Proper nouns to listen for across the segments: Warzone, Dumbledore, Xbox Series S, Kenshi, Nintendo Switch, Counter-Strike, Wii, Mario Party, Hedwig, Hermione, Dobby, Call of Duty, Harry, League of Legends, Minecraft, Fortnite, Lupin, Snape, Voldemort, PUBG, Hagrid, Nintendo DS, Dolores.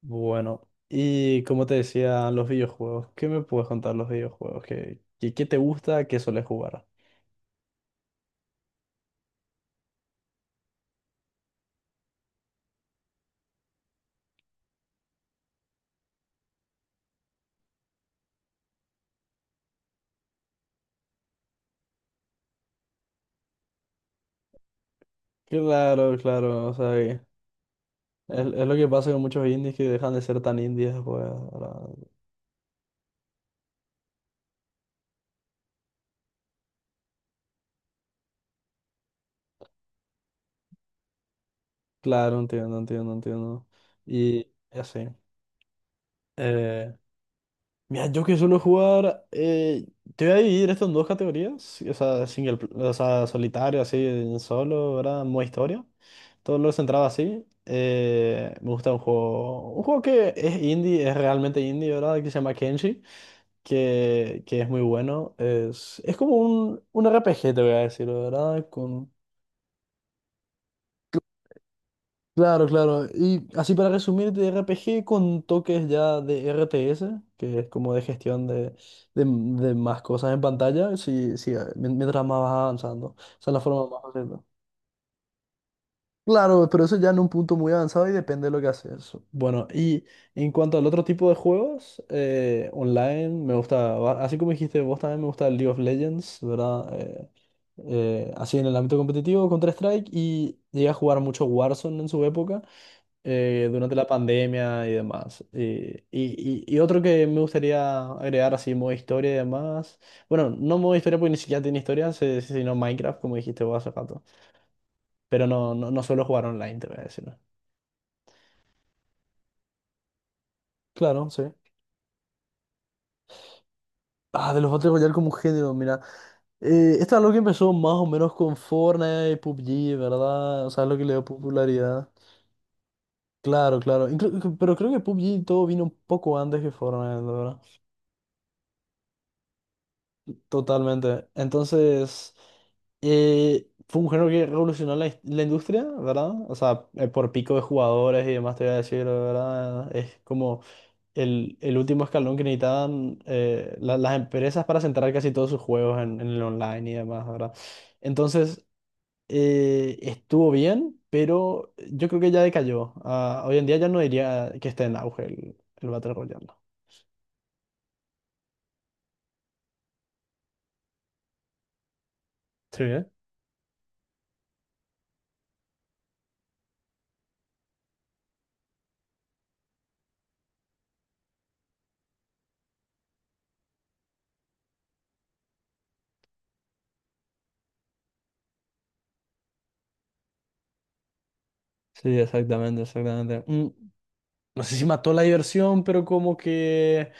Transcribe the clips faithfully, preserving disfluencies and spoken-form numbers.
Bueno, y como te decía, los videojuegos. ¿Qué me puedes contar los videojuegos? ¿Qué, qué, qué te gusta? ¿Qué sueles jugar? Claro, claro. O sea, que es, es lo que pasa con muchos indies que dejan de ser tan indies pues ahora. Claro, entiendo, entiendo, entiendo. Y y así. Mira, yo que suelo jugar, eh, te voy a dividir esto en dos categorías, sí, o sea, single, pl- o sea, solitario, así, en solo, ¿verdad? Modo historia. Todo lo centrado así. Eh, me gusta un juego, un juego que es indie, es realmente indie, ¿verdad? Que se llama Kenshi, que, que es muy bueno. Es, es como un, un R P G, te voy a decir, ¿verdad? Con... Claro, claro. Y así para resumir, de R P G con toques ya de R T S, que es como de gestión de, de- de más cosas en pantalla, sí, sí, eh, mien- mientras más vas avanzando. Esa es la forma más fácil, ¿no? Claro, pero eso ya en un punto muy avanzado y depende de lo que haces. Bueno, y en cuanto al otro tipo de juegos, eh, online, me gusta, va- así como dijiste vos también me gusta el League of Legends, ¿verdad? Eh, eh, así en el ámbito competitivo, Counter-Strike, y llegué a jugar mucho Warzone en su época eh, durante la pandemia y demás. Eh, y, y- y otro que me gustaría agregar así, modo historia y demás. Bueno, no modo historia porque ni siquiera tiene historia, se- sino Minecraft, como dijiste vos hace rato. Pero no, no, no suelo jugar online, te voy a decir, ¿no? Claro, sí. Ah, de los Battle Royale como género, mira. Eh, esto es algo que empezó más o menos con Fortnite y PUBG, ¿verdad? O sea, es lo que le dio popularidad. Claro, claro. Inclu- pero creo que PUBG todo vino un poco antes que Fortnite, ¿verdad? Totalmente. Entonces, eh, fue un género que revolucionó la, his- la industria, ¿verdad? O sea, eh, por pico de jugadores y demás, te voy a decir, ¿verdad? Es como el, el último escalón que necesitaban eh, la- las empresas para centrar casi todos sus juegos en, en el online y demás, ¿verdad? Entonces, eh, estuvo bien, pero yo creo que ya decayó. Ah, hoy en día ya no diría que esté en auge el, el Battle Royale. Sí, ¿eh? Sí, exactamente, exactamente. Mm, No sé si mató la diversión, pero como que...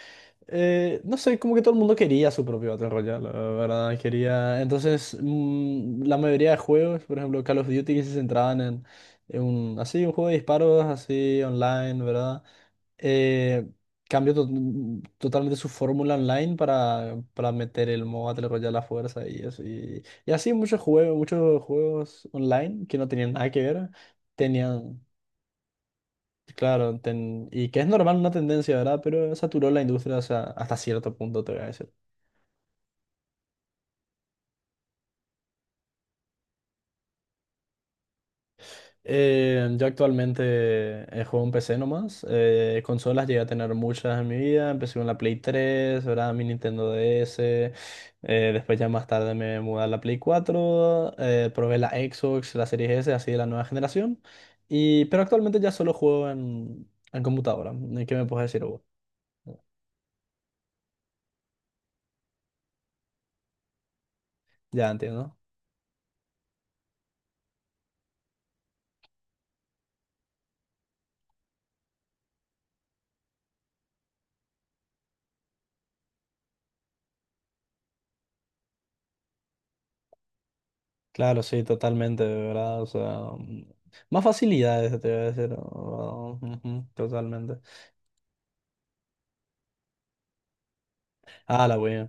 eh, no sé, como que todo el mundo quería su propio Battle Royale, la verdad, quería... Entonces, mm, la mayoría de juegos, por ejemplo, Call of Duty, que se centraban en, en un, así, un juego de disparos, así, online, ¿verdad? Eh, cambió to- mm, totalmente su fórmula online para, para meter el modo Battle Royale a la fuerza y eso. Y, y así muchos juegos, muchos juegos online que no tenían nada que ver, tenían... Claro, ten- y que es normal una tendencia, ¿verdad? Pero saturó la industria hasta, hasta cierto punto, te voy a decir. Eh, yo actualmente eh, juego en P C nomás. eh, consolas llegué a tener muchas en mi vida. Empecé con la Play tres, ¿verdad? Mi Nintendo D S. eh, después ya más tarde me mudé a la Play cuatro, eh, probé la Xbox, la Series S, así de la nueva generación. Y, pero actualmente ya solo juego en, en computadora. ¿Qué me puedes decir vos? Ya entiendo. Claro, sí, totalmente, de ¿verdad? O sea, mm, más facilidades, te voy a decir, ¿no? Ujú, totalmente. Ah, la Wii.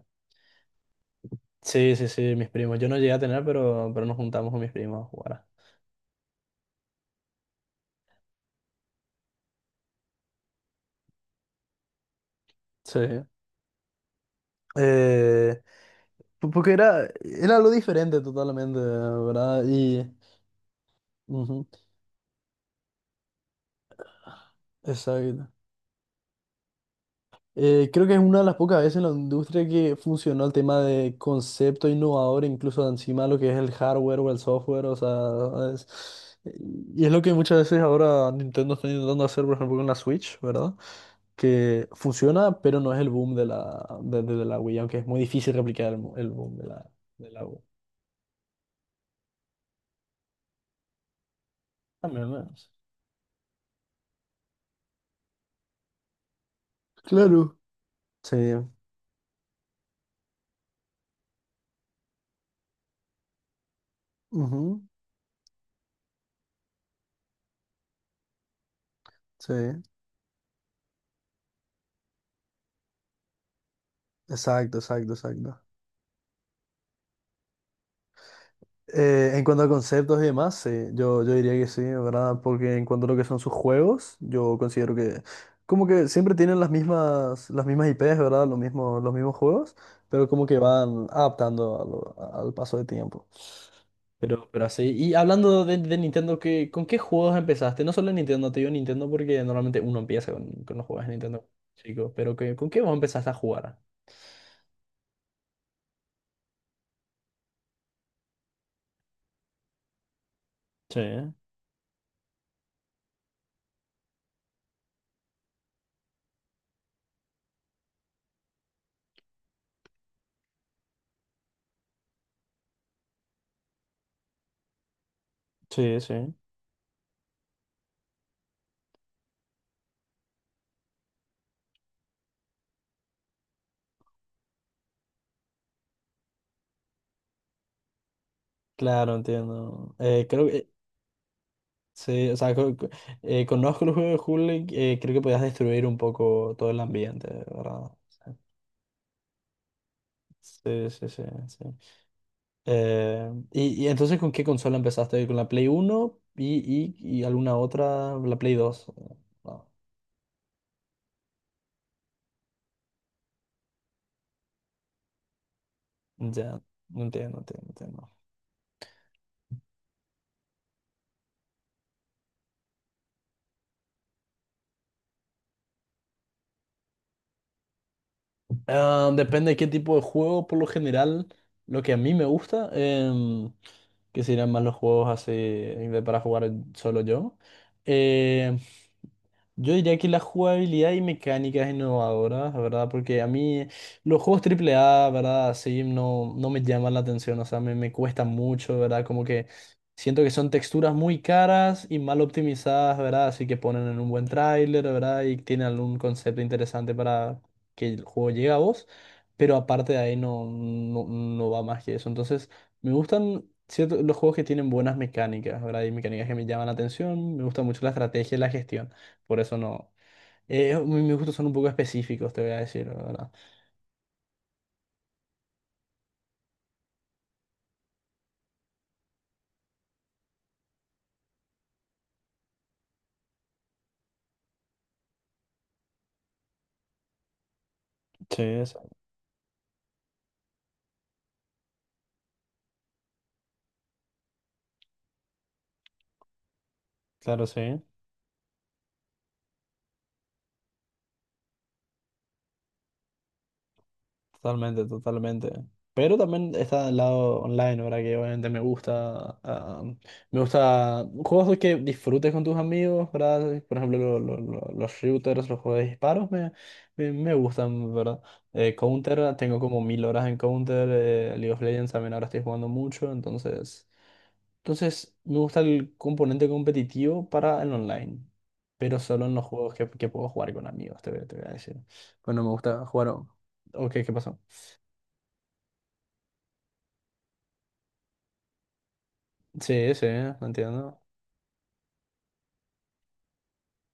Sí, sí, sí, mis primos. Yo no llegué a tener, pero, pero nos juntamos con mis primos a jugar. Sí. Eh, po- porque era, era algo diferente totalmente, ¿verdad? Y... ujú, exacto. Eh, creo que es una de las pocas veces en la industria que funcionó el tema de concepto innovador, incluso encima lo que es el hardware o el software, o sea, es- y es lo que muchas veces ahora Nintendo está intentando hacer, por ejemplo, con la Switch, ¿verdad? Que funciona, pero no es el boom de la, de, de- de la Wii, aunque es muy difícil replicar el, mo- el boom de la, de la Wii. También, ¿no? Claro. Sí, ujú, sí, exacto, exacto, exacto. Eh, en cuanto a conceptos y demás, sí, yo, yo diría que sí, ¿verdad? Porque en cuanto a lo que son sus juegos, yo considero que como que siempre tienen las mismas, las mismas I Ps, ¿verdad? Los mismos, los mismos juegos, pero como que van adaptando a lo- a- al paso del tiempo. Pero, pero así, y hablando de, de Nintendo, ¿qué, con qué juegos empezaste? No solo en Nintendo, te digo Nintendo porque normalmente uno empieza con, con los juegos de Nintendo, chicos, pero ¿qué- ¿con qué vos empezaste a jugar? Sí, sí, sí. Claro, entiendo. Eh, creo que, sí, o sea, co- co- eh, conozco el juego de Hulk, eh, creo que podías destruir un poco todo el ambiente, ¿verdad? Sí, sí, sí, sí, sí. Eh, y, y entonces con qué consola empezaste? ¿Con la Play uno y, y, y alguna otra? ¿La Play dos? No, ya, no entiendo, entiendo, entiendo. Ah, depende de qué tipo de juego, por lo general, lo que a mí me gusta. em, que serían más los juegos así de para jugar solo yo. Eh, yo diría que la jugabilidad y mecánicas innovadoras, ¿verdad? Porque a mí los juegos triple A, ¿verdad? Sí, no, no me llaman la atención, o sea, me, me cuesta mucho, ¿verdad? Como que siento que son texturas muy caras y mal optimizadas, ¿verdad? Así que ponen en un buen tráiler, ¿verdad? Y tienen algún concepto interesante para que el juego llegue a vos, pero aparte de ahí no, no, no va más que eso. Entonces, me gustan, cierto, los juegos que tienen buenas mecánicas, ¿verdad? Hay mecánicas que me llaman la atención, me gusta mucho la estrategia y la gestión, por eso no. Eh, mi- mis gustos son un poco específicos, te voy a decir, ¿verdad? Sí, es- claro, sí. Totalmente, totalmente. Pero también está el lado online, ¿verdad? Que obviamente me gusta. ah, me gusta juegos que disfrutes con tus amigos, ¿verdad? Por ejemplo, lo- lo- lo- los shooters, los juegos de disparos me, me, me gustan, ¿verdad? Eh, Counter, tengo como mil horas en Counter. eh, League of Legends también ahora estoy jugando mucho. Entonces, entonces me gusta el componente competitivo para el online. Pero solo en los juegos que, que puedo jugar con amigos, te, voy te voy a decir. Bueno, me gusta jugar. o- Ok, ¿qué pasó? Sí, sí, entiendo.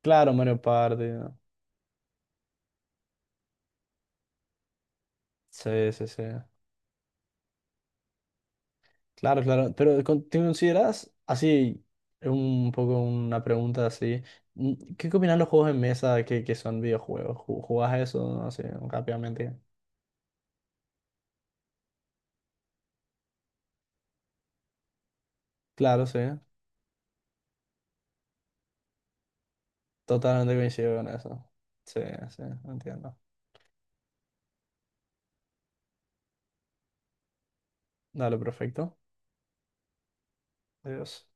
Claro, Mario Party, ¿no? Sí, sí, sí. Claro, claro. Pero con- ¿te consideras así, un poco una pregunta así? mm, ¿Qué opinan los juegos de mesa que, que son videojuegos? ¿Ju- ¿Jugás eso no? Así rápidamente? Claro, sí. Totalmente coincido con eso. Sí, sí, entiendo. Dale, perfecto. Adiós.